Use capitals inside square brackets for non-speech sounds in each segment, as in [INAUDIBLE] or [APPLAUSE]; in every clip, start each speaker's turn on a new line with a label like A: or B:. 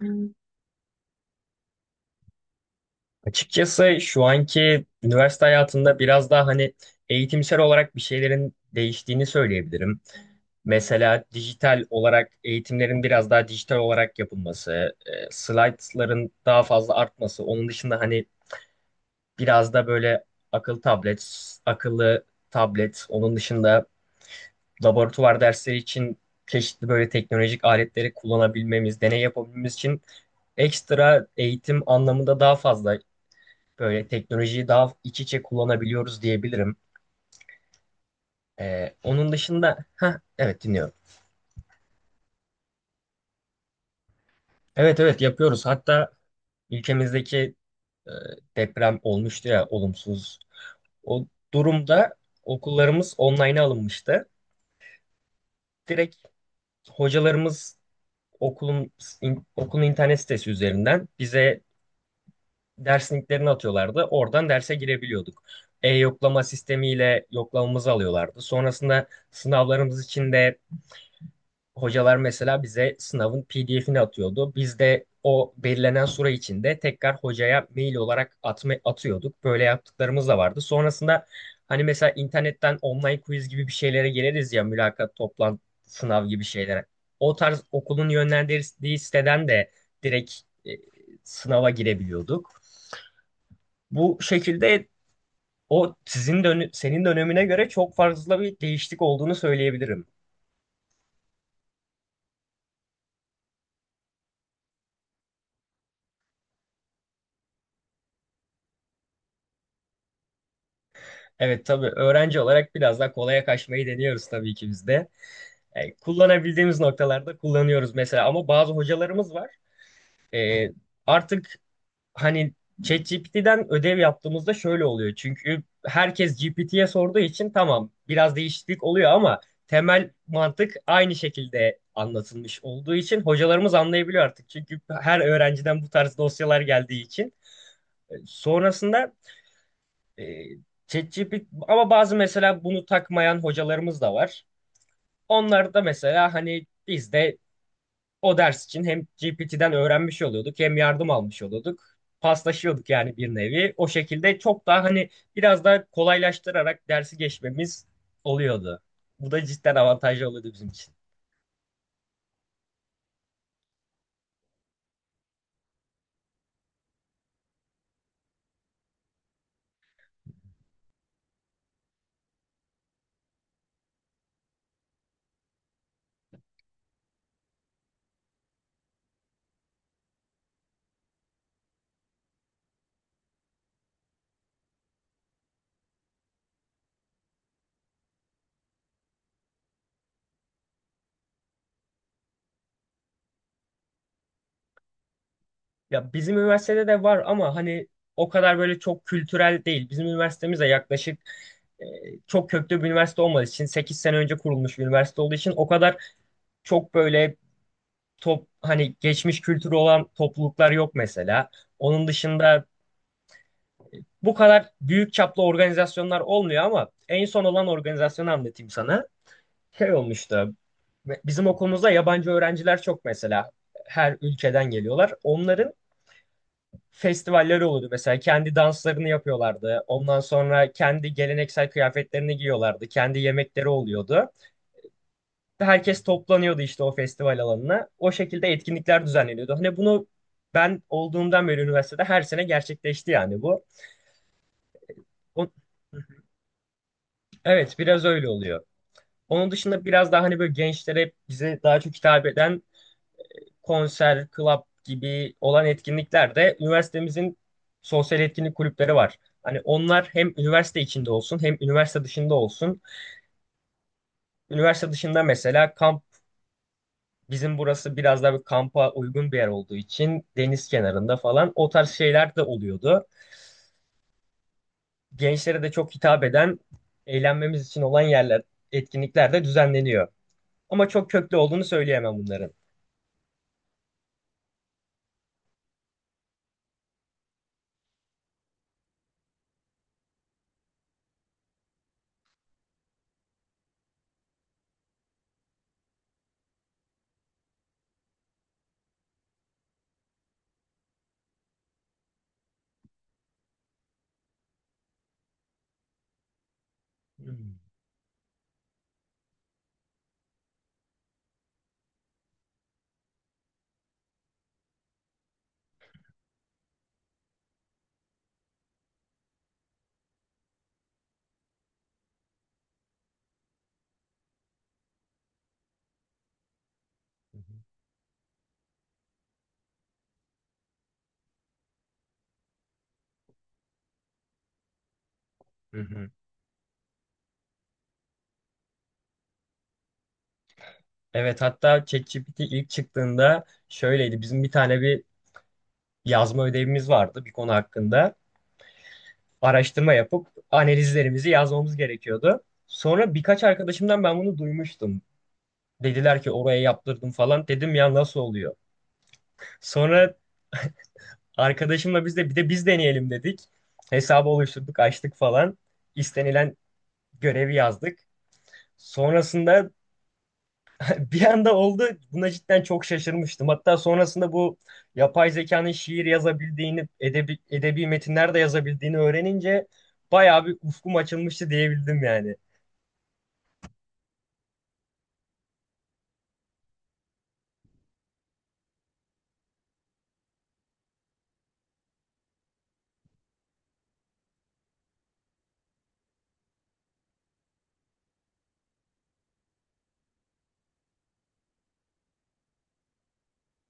A: Hmm. Açıkçası şu anki üniversite hayatında biraz daha hani eğitimsel olarak bir şeylerin değiştiğini söyleyebilirim. Mesela dijital olarak eğitimlerin biraz daha dijital olarak yapılması, slaytların daha fazla artması, onun dışında hani biraz da böyle akıllı tablet, akıllı tablet, onun dışında laboratuvar dersleri için çeşitli böyle teknolojik aletleri kullanabilmemiz, deney yapabilmemiz için ekstra eğitim anlamında daha fazla. Böyle teknolojiyi daha iç içe kullanabiliyoruz diyebilirim. Onun dışında, ha evet dinliyorum. Evet evet yapıyoruz. Hatta ülkemizdeki e, deprem olmuştu ya olumsuz. O durumda okullarımız online'a alınmıştı. Direkt hocalarımız okulun okulun internet sitesi üzerinden bize ders linklerini atıyorlardı. Oradan derse girebiliyorduk. E-yoklama sistemiyle yoklamamızı alıyorlardı. Sonrasında sınavlarımız için de hocalar mesela bize sınavın PDF'ini atıyordu. Biz de o belirlenen süre içinde tekrar hocaya mail olarak atıyorduk. Böyle yaptıklarımız da vardı. Sonrasında hani mesela internetten online quiz gibi bir şeylere geliriz ya mülakat, toplantı, sınav gibi şeylere. O tarz okulun yönlendirdiği siteden de direkt e, sınava girebiliyorduk. Bu şekilde o sizin senin dönemine göre çok fazla bir değişiklik olduğunu söyleyebilirim. Evet tabii öğrenci olarak biraz daha kolaya kaçmayı deniyoruz tabii ki biz de. Yani kullanabildiğimiz noktalarda kullanıyoruz mesela ama bazı hocalarımız var. Ee, artık hani ChatGPT'den ödev yaptığımızda şöyle oluyor. Çünkü herkes GPT'ye sorduğu için tamam biraz değişiklik oluyor ama temel mantık aynı şekilde anlatılmış olduğu için hocalarımız anlayabiliyor artık. Çünkü her öğrenciden bu tarz dosyalar geldiği için. Sonrasında e, ChatGPT ama bazı mesela bunu takmayan hocalarımız da var. Onlar da mesela hani biz de o ders için hem GPT'den öğrenmiş oluyorduk hem yardım almış oluyorduk. Paslaşıyorduk yani bir nevi. O şekilde çok daha hani biraz daha kolaylaştırarak dersi geçmemiz oluyordu. Bu da cidden avantajlı oluyordu bizim için. Ya bizim üniversitede de var ama hani o kadar böyle çok kültürel değil. Bizim üniversitemiz de yaklaşık e, çok köklü bir üniversite olmadığı için 8 sene önce kurulmuş bir üniversite olduğu için o kadar çok böyle hani geçmiş kültürü olan topluluklar yok mesela. Onun dışında bu kadar büyük çaplı organizasyonlar olmuyor ama en son olan organizasyonu anlatayım sana. Şey olmuştu. Bizim okulumuzda yabancı öğrenciler çok mesela. Her ülkeden geliyorlar. Onların festivaller oluyordu mesela. Kendi danslarını yapıyorlardı. Ondan sonra kendi geleneksel kıyafetlerini giyiyorlardı. Kendi yemekleri oluyordu. Ve herkes toplanıyordu işte o festival alanına. O şekilde etkinlikler düzenleniyordu. Hani bunu ben olduğumdan beri üniversitede her sene gerçekleşti yani bu. O- Evet, biraz öyle oluyor. Onun dışında biraz daha hani böyle gençlere bize daha çok hitap eden konser, club gibi olan etkinliklerde üniversitemizin sosyal etkinlik kulüpleri var. Hani onlar hem üniversite içinde olsun hem üniversite dışında olsun. Üniversite dışında mesela kamp bizim burası biraz daha bir kampa uygun bir yer olduğu için deniz kenarında falan o tarz şeyler de oluyordu. Gençlere de çok hitap eden eğlenmemiz için olan yerler, etkinlikler de düzenleniyor. Ama çok köklü olduğunu söyleyemem bunların. Hmm. Hı hı. Hı hı. Evet, hatta ChatGPT ilk çıktığında şöyleydi. Bizim bir tane bir yazma ödevimiz vardı bir konu hakkında. Araştırma yapıp analizlerimizi yazmamız gerekiyordu. Sonra birkaç arkadaşımdan ben bunu duymuştum. Dediler ki oraya yaptırdım falan. Dedim ya nasıl oluyor? Sonra arkadaşımla biz de bir de biz deneyelim dedik. Hesabı oluşturduk, açtık falan. İstenilen görevi yazdık. Sonrasında [LAUGHS] bir anda oldu. Buna cidden çok şaşırmıştım. Hatta sonrasında bu yapay zekanın şiir yazabildiğini, edebi metinler de yazabildiğini öğrenince bayağı bir ufkum açılmıştı diyebildim yani.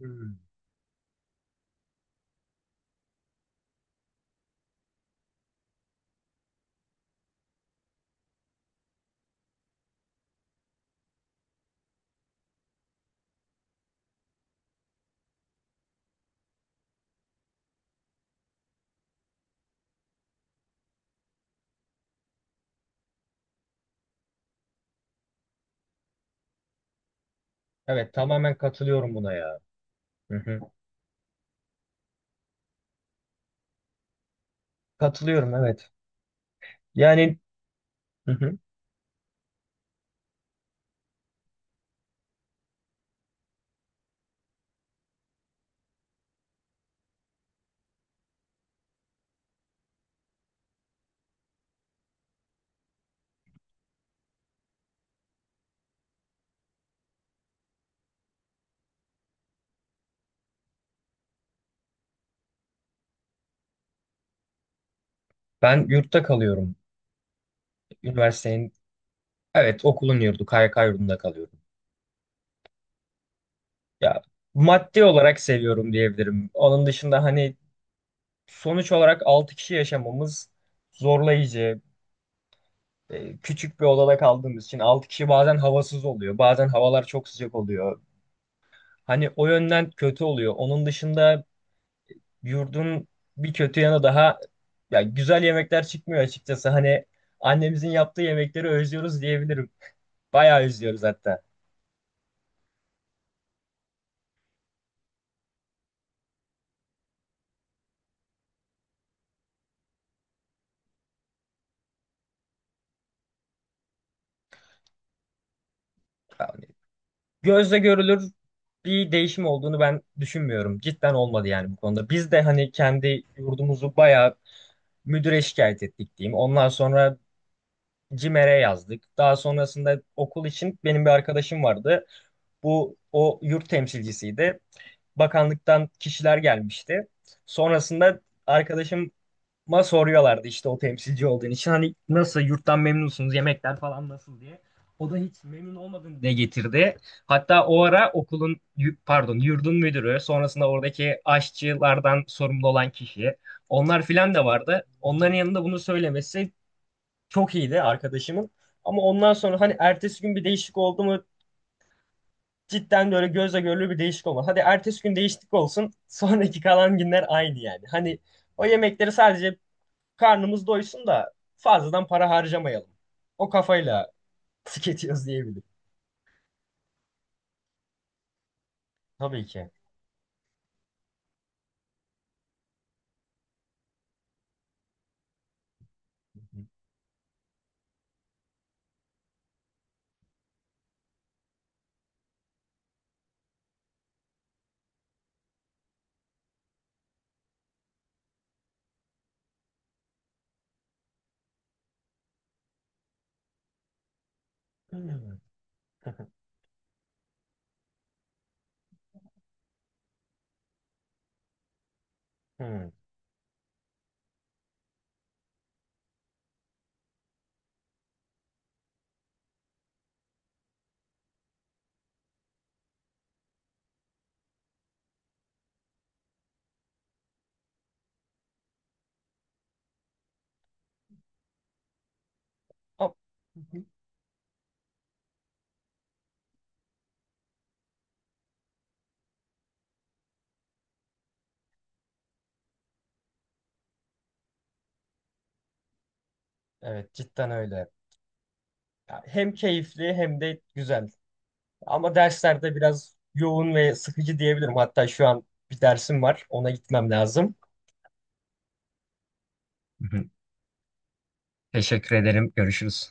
A: Hmm. Evet, tamamen katılıyorum buna ya. Hı hı. Katılıyorum, evet. Yani hı hı. Ben yurtta kalıyorum. Üniversitenin, evet okulun yurdu, KYK yurdunda kalıyorum. Ya maddi olarak seviyorum diyebilirim. Onun dışında hani sonuç olarak 6 kişi yaşamamız zorlayıcı. Küçük bir odada kaldığımız için 6 kişi bazen havasız oluyor. Bazen havalar çok sıcak oluyor. Hani o yönden kötü oluyor. Onun dışında yurdun bir kötü yanı daha ya güzel yemekler çıkmıyor açıkçası. Hani annemizin yaptığı yemekleri özlüyoruz diyebilirim. [LAUGHS] Bayağı özlüyoruz hatta. Yani gözle görülür bir değişim olduğunu ben düşünmüyorum. Cidden olmadı yani bu konuda. Biz de hani kendi yurdumuzu bayağı müdüre şikayet ettik diyeyim. Ondan sonra CİMER'e yazdık. Daha sonrasında okul için benim bir arkadaşım vardı. Bu o yurt temsilcisiydi. Bakanlıktan kişiler gelmişti. Sonrasında arkadaşıma soruyorlardı işte o temsilci olduğun için hani nasıl yurttan memnunsunuz yemekler falan nasıl diye. O da hiç memnun olmadığını dile getirdi. Hatta o ara okulun pardon yurdun müdürü sonrasında oradaki aşçılardan sorumlu olan kişi onlar filan da vardı. Onların yanında bunu söylemesi çok iyiydi arkadaşımın. Ama ondan sonra hani ertesi gün bir değişik oldu mu, cidden böyle gözle görülür bir değişik olmadı. Hadi ertesi gün değişiklik olsun. [LAUGHS] Sonraki kalan günler aynı yani. Hani o yemekleri sadece karnımız doysun da fazladan para harcamayalım. O kafayla [LAUGHS] tüketiyoruz diyebilirim. Tabii ki. Hmm. [LAUGHS] Hmm. Hop. Evet, cidden öyle. Ya hem keyifli hem de güzel. Ama derslerde biraz yoğun ve sıkıcı diyebilirim. Hatta şu an bir dersim var. Ona gitmem lazım. Hı hı. Teşekkür ederim. Görüşürüz.